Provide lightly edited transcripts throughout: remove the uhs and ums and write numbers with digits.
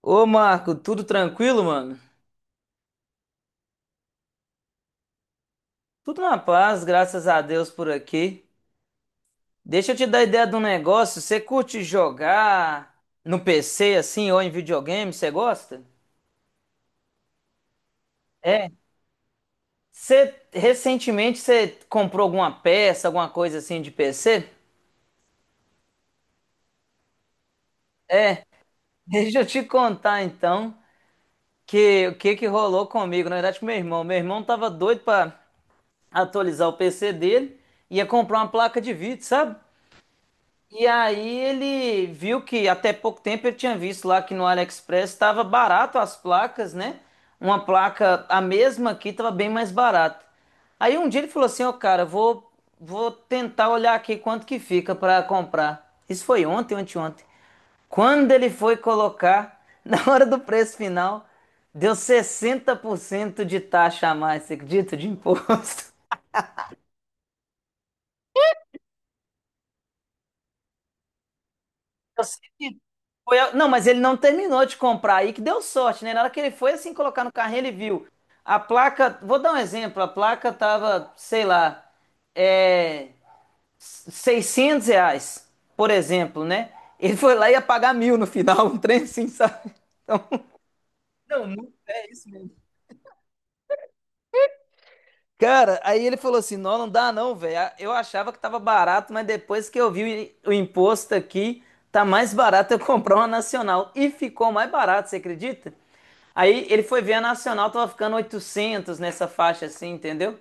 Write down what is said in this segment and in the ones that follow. Ô Marco, tudo tranquilo, mano? Tudo na paz, graças a Deus por aqui. Deixa eu te dar ideia de um negócio. Você curte jogar no PC assim ou em videogame? Você gosta? É. Você recentemente você comprou alguma peça, alguma coisa assim de PC? Deixa eu te contar então que o que que rolou comigo, na verdade com meu irmão. Meu irmão tava doido pra atualizar o PC dele, ia comprar uma placa de vídeo, sabe? E aí ele viu que até pouco tempo ele tinha visto lá que no AliExpress estava barato as placas, né? Uma placa, a mesma aqui, estava bem mais barata. Aí um dia ele falou assim, ó, cara, vou tentar olhar aqui quanto que fica para comprar. Isso foi ontem, anteontem. Quando ele foi colocar, na hora do preço final, deu 60% de taxa a mais, você acredita? De imposto. Eu sei que não, mas ele não terminou de comprar aí, que deu sorte, né? Na hora que ele foi assim colocar no carrinho, ele viu. A placa, vou dar um exemplo, a placa tava, sei lá, é, R$ 600, por exemplo, né? Ele foi lá e ia pagar mil no final, um trem assim, sabe? Então, não, é isso mesmo. Cara, aí ele falou assim: não, não dá não, velho. Ah, eu achava que tava barato, mas depois que eu vi o imposto aqui, tá mais barato eu comprar uma nacional. E ficou mais barato, você acredita? Aí ele foi ver a nacional, tava ficando 800 nessa faixa assim, entendeu?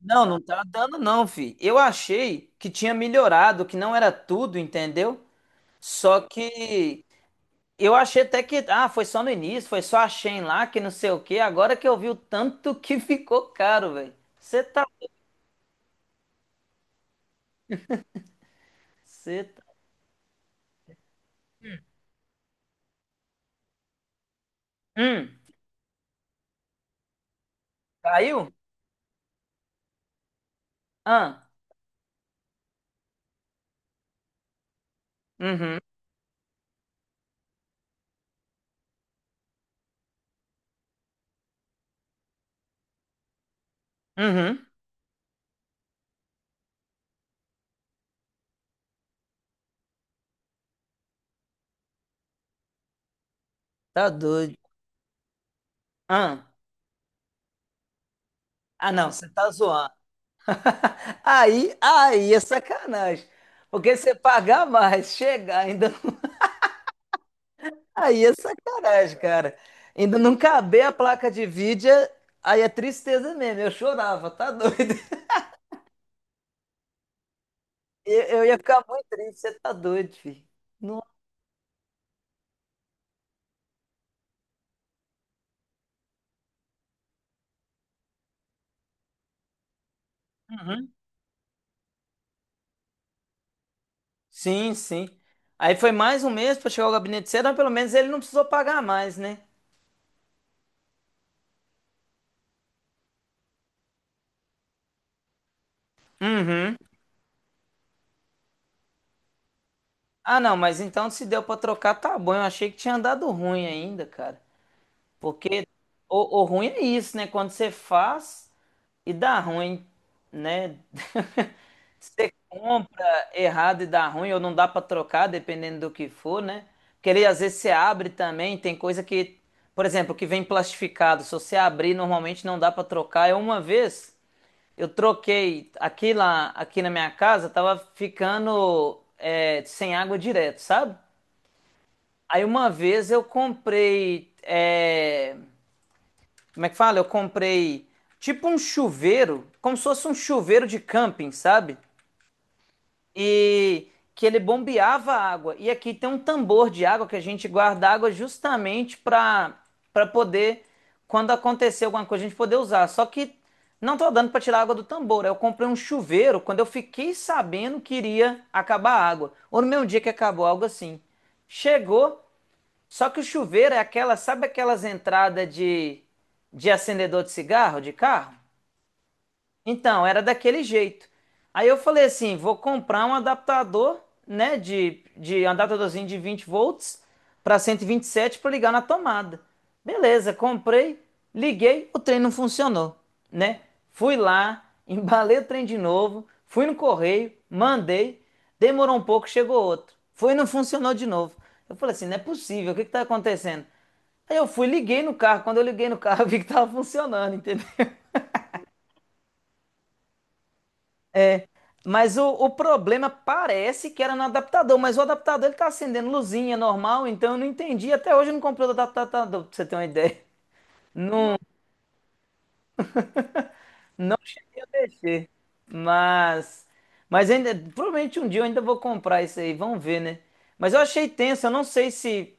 Não, não tá dando não, fi. Eu achei que tinha melhorado, que não era tudo, entendeu? Só que eu achei até que, ah, foi só no início, foi só a Shein lá, que não sei o quê. Agora que eu vi o tanto que ficou caro, velho. Você tá Você tá... Hum, caiu? Ah, uhum, uhum. Tá doido. Ah, ah, não, você tá zoando. Aí é sacanagem. Porque você pagar mais, chegar ainda. Aí é sacanagem, cara. Ainda não caber a placa de vídeo, aí é tristeza mesmo. Eu chorava, tá doido. Eu ia ficar muito triste, você tá doido, filho. Não. Uhum. Sim, sim. Aí foi mais um mês pra chegar ao gabinete cedo, mas pelo menos ele não precisou pagar mais, né? Uhum. Ah, não, mas então se deu pra trocar, tá bom. Eu achei que tinha dado ruim ainda, cara. Porque o ruim é isso, né? Quando você faz e dá ruim, né? Compra errado e dá ruim, ou não dá pra trocar, dependendo do que for, né? Porque ele, às vezes você abre também, tem coisa que, por exemplo, que vem plastificado. Se você abrir, normalmente não dá pra trocar. Eu uma vez eu troquei aqui lá, aqui na minha casa, tava ficando é, sem água direto, sabe? Aí uma vez eu comprei, é, como é que fala? Eu comprei tipo um chuveiro, como se fosse um chuveiro de camping, sabe? E que ele bombeava a água. E aqui tem um tambor de água que a gente guarda água justamente para poder quando acontecer alguma coisa a gente poder usar. Só que não tô dando para tirar a água do tambor. Aí eu comprei um chuveiro quando eu fiquei sabendo que iria acabar a água. Ou no mesmo dia que acabou algo assim. Chegou, só que o chuveiro é aquela, sabe aquelas entradas de acendedor de cigarro, de carro? Então, era daquele jeito. Aí eu falei assim, vou comprar um adaptador, né, de um adaptadorzinho de 20 volts para cento e vinte e sete para ligar na tomada. Beleza, comprei, liguei, o trem não funcionou, né? Fui lá, embalei o trem de novo, fui no correio, mandei, demorou um pouco, chegou outro. Foi e não funcionou de novo. Eu falei assim, não é possível, o que está acontecendo? Aí eu fui, liguei no carro. Quando eu liguei no carro, eu vi que tava funcionando, entendeu? Mas o problema parece que era no adaptador, mas o adaptador ele tá acendendo luzinha normal, então eu não entendi. Até hoje eu não comprei o adaptador, pra você ter uma ideia. Não, não já deixei. Mas, mas ainda, provavelmente um dia eu ainda vou comprar isso aí, vamos ver, né? Mas eu achei tenso, eu não sei se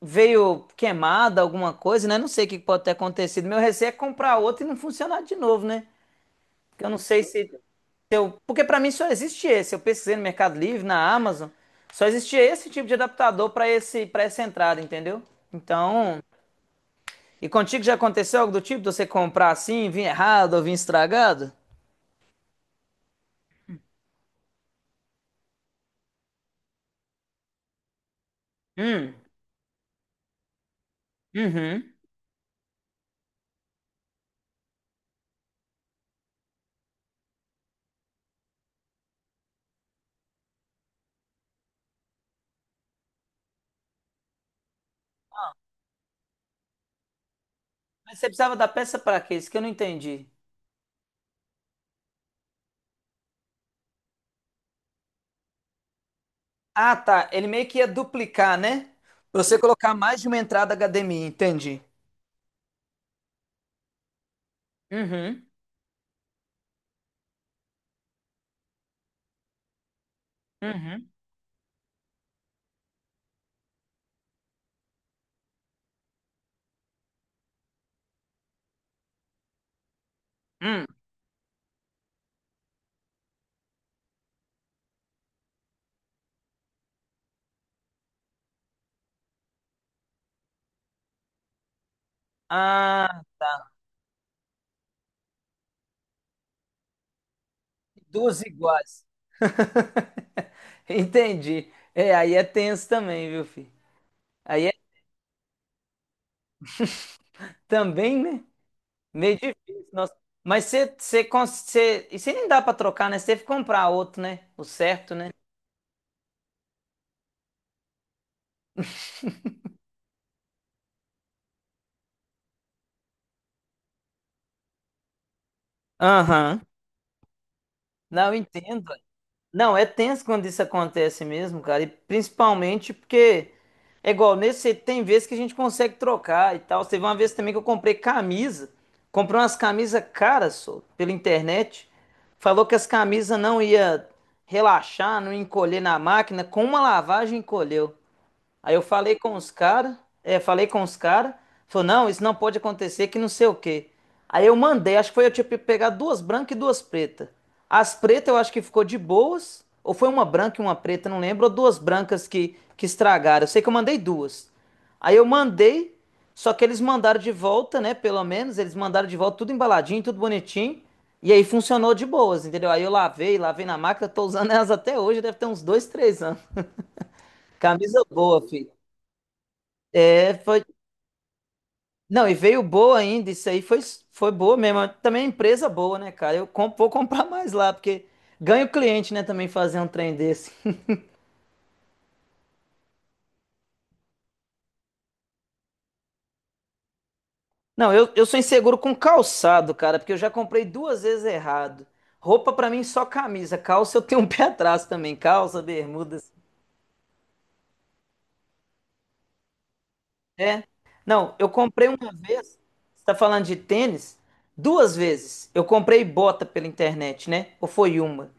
veio queimada, alguma coisa, né? Não sei o que pode ter acontecido. Meu receio é comprar outro e não funcionar de novo, né? Porque eu não sei se porque para mim só existe esse. Eu pesquisei no Mercado Livre, na Amazon, só existia esse tipo de adaptador para esse para essa entrada, entendeu? Então, e contigo já aconteceu algo do tipo de você comprar assim, vir errado ou vir estragado? Hum, uhum. Mas você precisava da peça para quê? Isso que eu não entendi. Ah, tá. Ele meio que ia duplicar, né? Pra você colocar mais de uma entrada HDMI, entendi. Uhum, uhum. Hum. Ah, duas iguais. Entendi. É, aí é tenso também, viu, filho? Aí é também, né? Meio difícil, nossa. Mas você, você, você, e você nem dá pra trocar, né? Você teve que comprar outro, né? O certo, né? Aham. Não, eu entendo. Não, é tenso quando isso acontece mesmo, cara. E principalmente porque é igual nesse, tem vezes que a gente consegue trocar e tal. Teve uma vez também que eu comprei camisa, comprei umas camisas caras, só, pela internet. Falou que as camisas não ia relaxar, não ia encolher na máquina, com uma lavagem encolheu. Aí eu falei com os caras, é, falei com os caras, falou, não, isso não pode acontecer, que não sei o quê. Aí eu mandei, acho que foi eu tinha pegado duas brancas e duas pretas. As pretas eu acho que ficou de boas, ou foi uma branca e uma preta, não lembro, ou duas brancas que estragaram. Eu sei que eu mandei duas. Aí eu mandei, só que eles mandaram de volta, né? Pelo menos, eles mandaram de volta tudo embaladinho, tudo bonitinho. E aí funcionou de boas, entendeu? Aí eu lavei, lavei na máquina, tô usando elas até hoje, deve ter uns dois, três anos. Camisa boa, filho. É, foi. Não, e veio boa ainda, isso aí foi boa mesmo. Também é empresa boa, né, cara? Eu vou comprar mais lá, porque ganho cliente, né, também fazer um trem desse. Não, eu sou inseguro com calçado, cara, porque eu já comprei duas vezes errado. Roupa pra mim só camisa, calça eu tenho um pé atrás também, calça, bermudas. É. Não, eu comprei uma vez, você tá falando de tênis? Duas vezes. Eu comprei bota pela internet, né? Ou foi uma?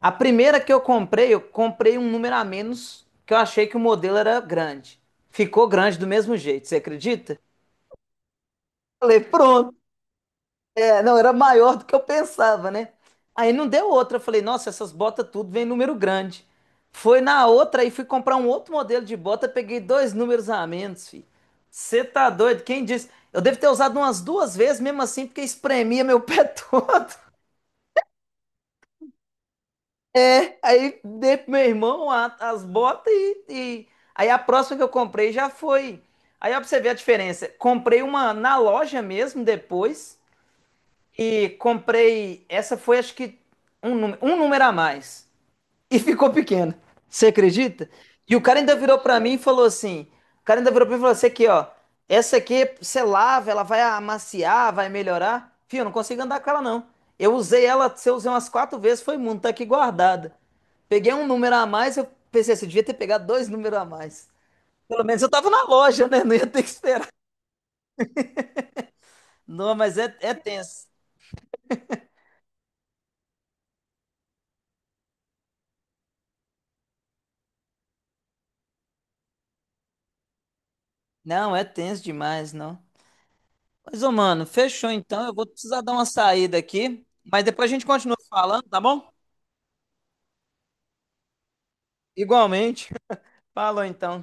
A primeira que eu comprei um número a menos, que eu achei que o modelo era grande. Ficou grande do mesmo jeito, você acredita? Falei, pronto. É, não, era maior do que eu pensava, né? Aí não deu outra. Eu falei, nossa, essas botas tudo vem número grande. Foi na outra e fui comprar um outro modelo de bota, peguei dois números a menos, filho. Você tá doido? Quem disse? Eu devo ter usado umas duas vezes, mesmo assim, porque espremia meu pé todo. É, aí dei pro meu irmão as botas. Aí a próxima que eu comprei já foi. Aí ó, pra você ver a diferença. Comprei uma na loja mesmo depois. E comprei. Essa foi acho que um número a mais e ficou pequeno. Você acredita? E o cara ainda virou pra mim e falou assim: o cara ainda virou pra mim e falou assim: aqui, ó, essa aqui você lava, ela vai amaciar, vai melhorar. Fio, eu não consigo andar com ela, não. Eu usei ela, se eu usei umas quatro vezes, foi muito, tá aqui guardada. Peguei um número a mais, eu pensei assim, eu devia ter pegado dois números a mais. Pelo menos eu tava na loja, né? Não ia ter que esperar. Não, mas é tenso. Não, é tenso demais, não. Mas, ô, mano, fechou então. Eu vou precisar dar uma saída aqui. Mas depois a gente continua falando, tá bom? Igualmente. Falou então.